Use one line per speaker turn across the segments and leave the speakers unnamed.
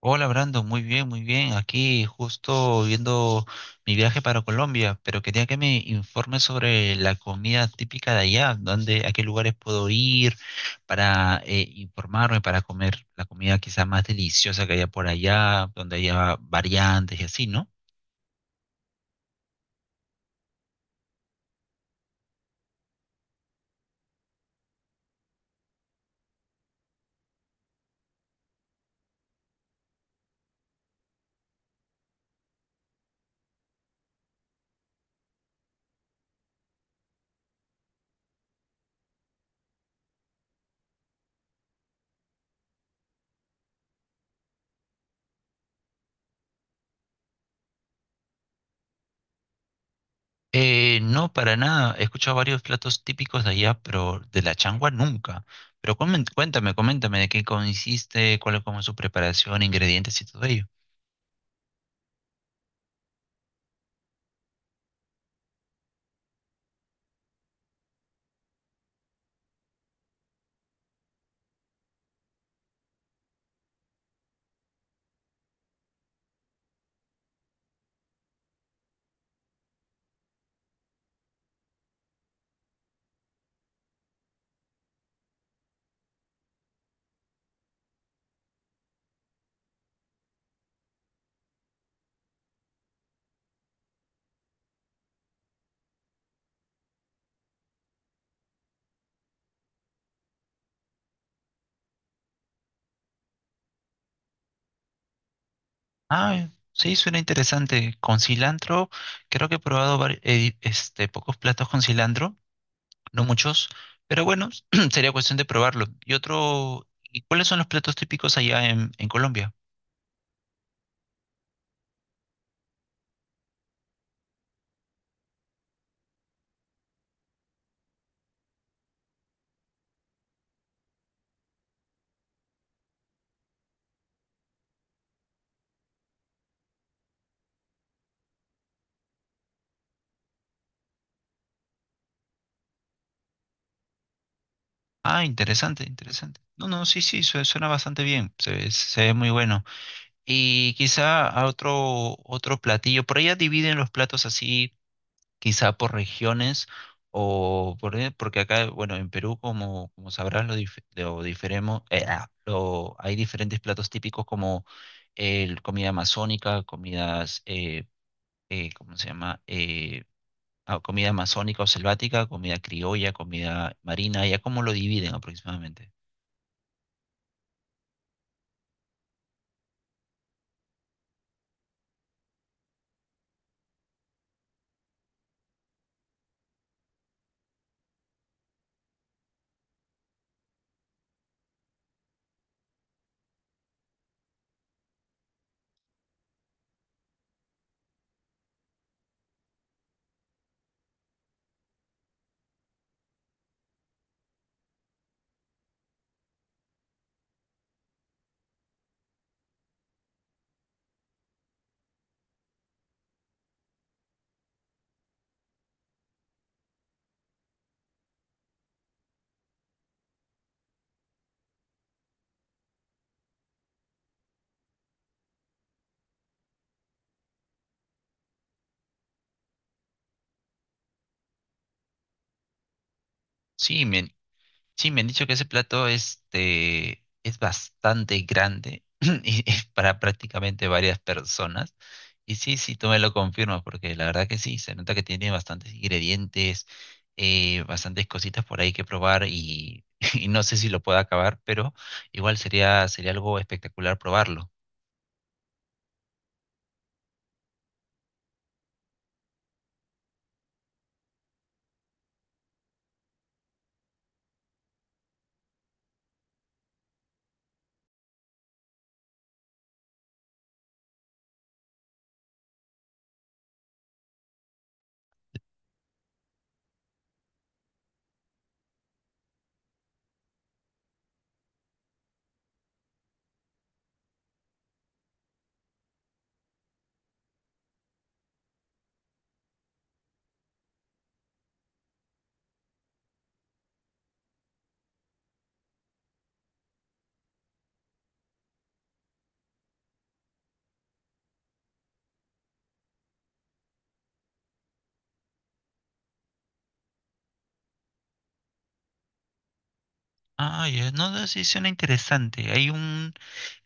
Hola Brando, muy bien, muy bien. Aquí justo viendo mi viaje para Colombia, pero quería que me informes sobre la comida típica de allá, dónde, a qué lugares puedo ir para informarme, para comer la comida quizá más deliciosa que haya por allá, donde haya variantes y así, ¿no? No, para nada. He escuchado varios platos típicos de allá, pero de la changua nunca. Pero cuéntame, coméntame de qué consiste, cuál es como su preparación, ingredientes y todo ello. Ah, sí, suena interesante. Con cilantro, creo que he probado pocos platos con cilantro, no muchos, pero bueno, sería cuestión de probarlo. Y otro, ¿y cuáles son los platos típicos allá en Colombia? Ah, interesante, interesante. No, no, sí, sí, suena bastante bien, se ve muy bueno. Y quizá a otro, otro platillo, por allá dividen los platos así, quizá por regiones o por, porque acá, bueno, en Perú, como, como sabrás, lo, dif- lo diferemo- ah, lo- hay diferentes platos típicos como el comida amazónica, comidas, ¿cómo se llama? Comida amazónica o selvática, comida criolla, comida marina, ¿ya cómo lo dividen aproximadamente? Sí, me, Sí, me han dicho que ese plato este, es bastante grande y es para prácticamente varias personas. Y sí, sí, tú me lo confirmas, porque la verdad que sí, se nota que tiene bastantes ingredientes, bastantes cositas por ahí que probar y, y no sé si lo pueda acabar, pero igual sería, sería algo espectacular probarlo. Ah, ya, no, no, sí, suena interesante.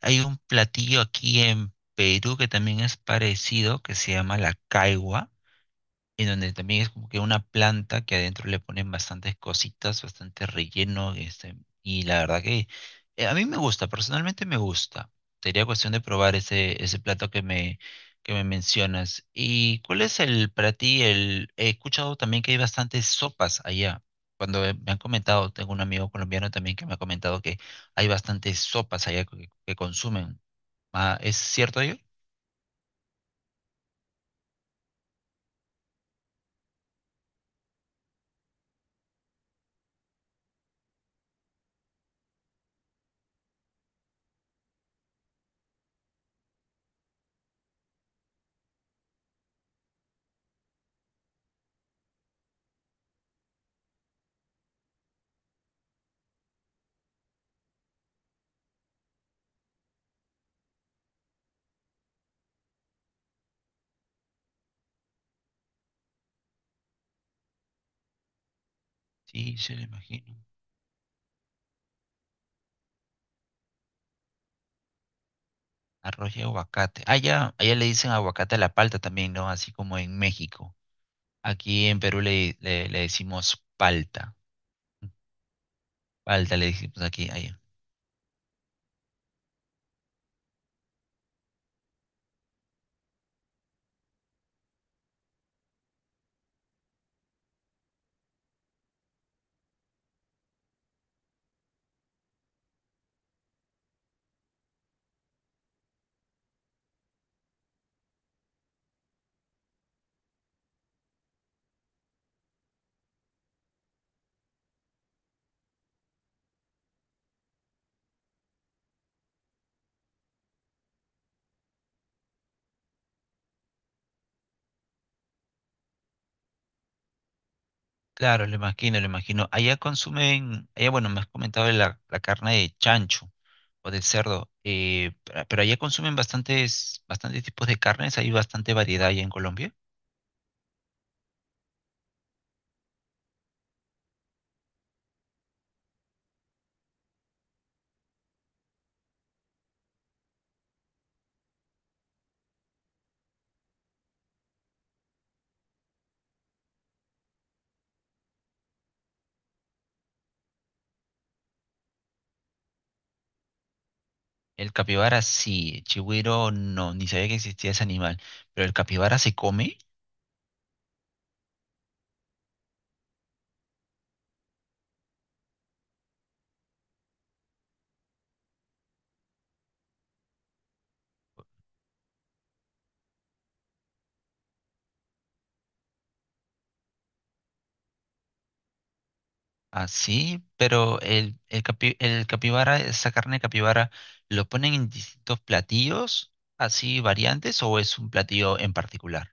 Hay un platillo aquí en Perú que también es parecido, que se llama la caigua, en donde también es como que una planta que adentro le ponen bastantes cositas, bastante relleno, este, y la verdad que a mí me gusta, personalmente me gusta. Sería cuestión de probar ese plato que me mencionas. ¿Y cuál es el para ti? El, he escuchado también que hay bastantes sopas allá. Cuando me han comentado, tengo un amigo colombiano también que me ha comentado que hay bastantes sopas allá que consumen. Ah, ¿es cierto ello? Sí, se lo imagino. Arroz y aguacate. Allá, allá le dicen aguacate a la palta también, ¿no? Así como en México. Aquí en Perú le decimos palta. Palta le decimos aquí, allá. Claro, lo imagino, lo imagino. Allá consumen, allá, bueno, me has comentado de la carne de chancho o de cerdo, pero allá consumen bastantes, bastantes tipos de carnes, hay bastante variedad allá en Colombia. El capibara sí, el chigüiro no, ni sabía que existía ese animal, pero el capibara se come. Así, pero el capibara, esa carne de capibara, ¿lo ponen en distintos platillos, así variantes, o es un platillo en particular?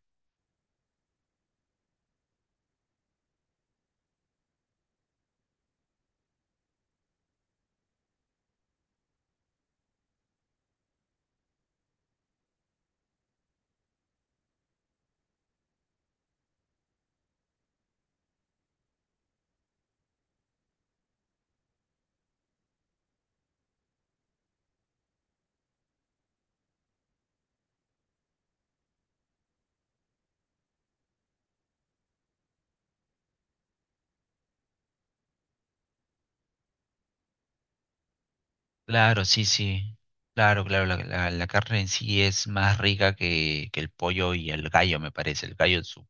Claro, sí, sí. Claro, claro, la carne en sí es más rica que el pollo y el gallo, me parece.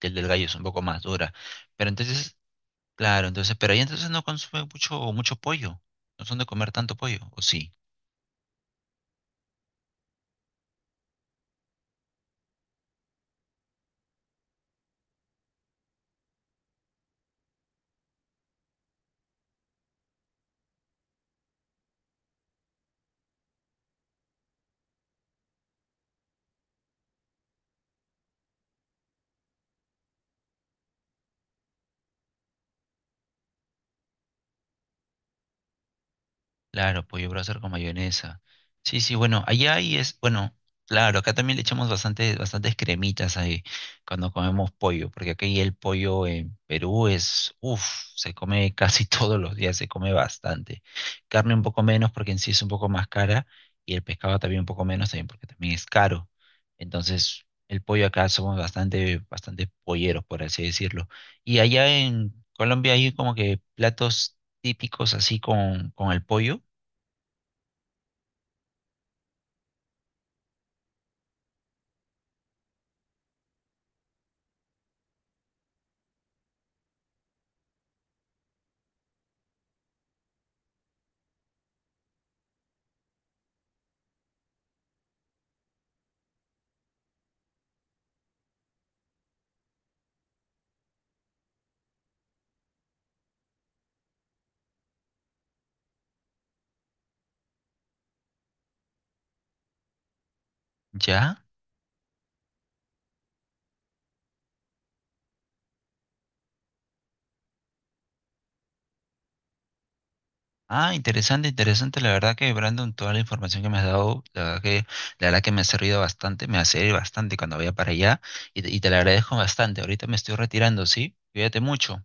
El del gallo es un poco más dura. Pero entonces, claro, entonces, pero ahí entonces no consumen mucho, mucho pollo. No son de comer tanto pollo, ¿o sí? Claro, pollo brasar con mayonesa. Sí, sí, bueno, allá ahí es, bueno, claro, acá también le echamos bastante, bastantes cremitas ahí cuando comemos pollo, porque aquí el pollo en Perú es, uff, se come casi todos los días, se come bastante. Carne un poco menos porque en sí es un poco más cara y el pescado también un poco menos también porque también es caro. Entonces, el pollo acá somos bastante, bastante polleros, por así decirlo. Y allá en Colombia hay como que platos típicos así con el pollo. ¿Ya? Ah, interesante, interesante. La verdad que, Brandon, toda la información que me has dado, la verdad que me ha servido bastante, me va a servir bastante cuando vaya para allá y te la agradezco bastante. Ahorita me estoy retirando, ¿sí? Cuídate mucho.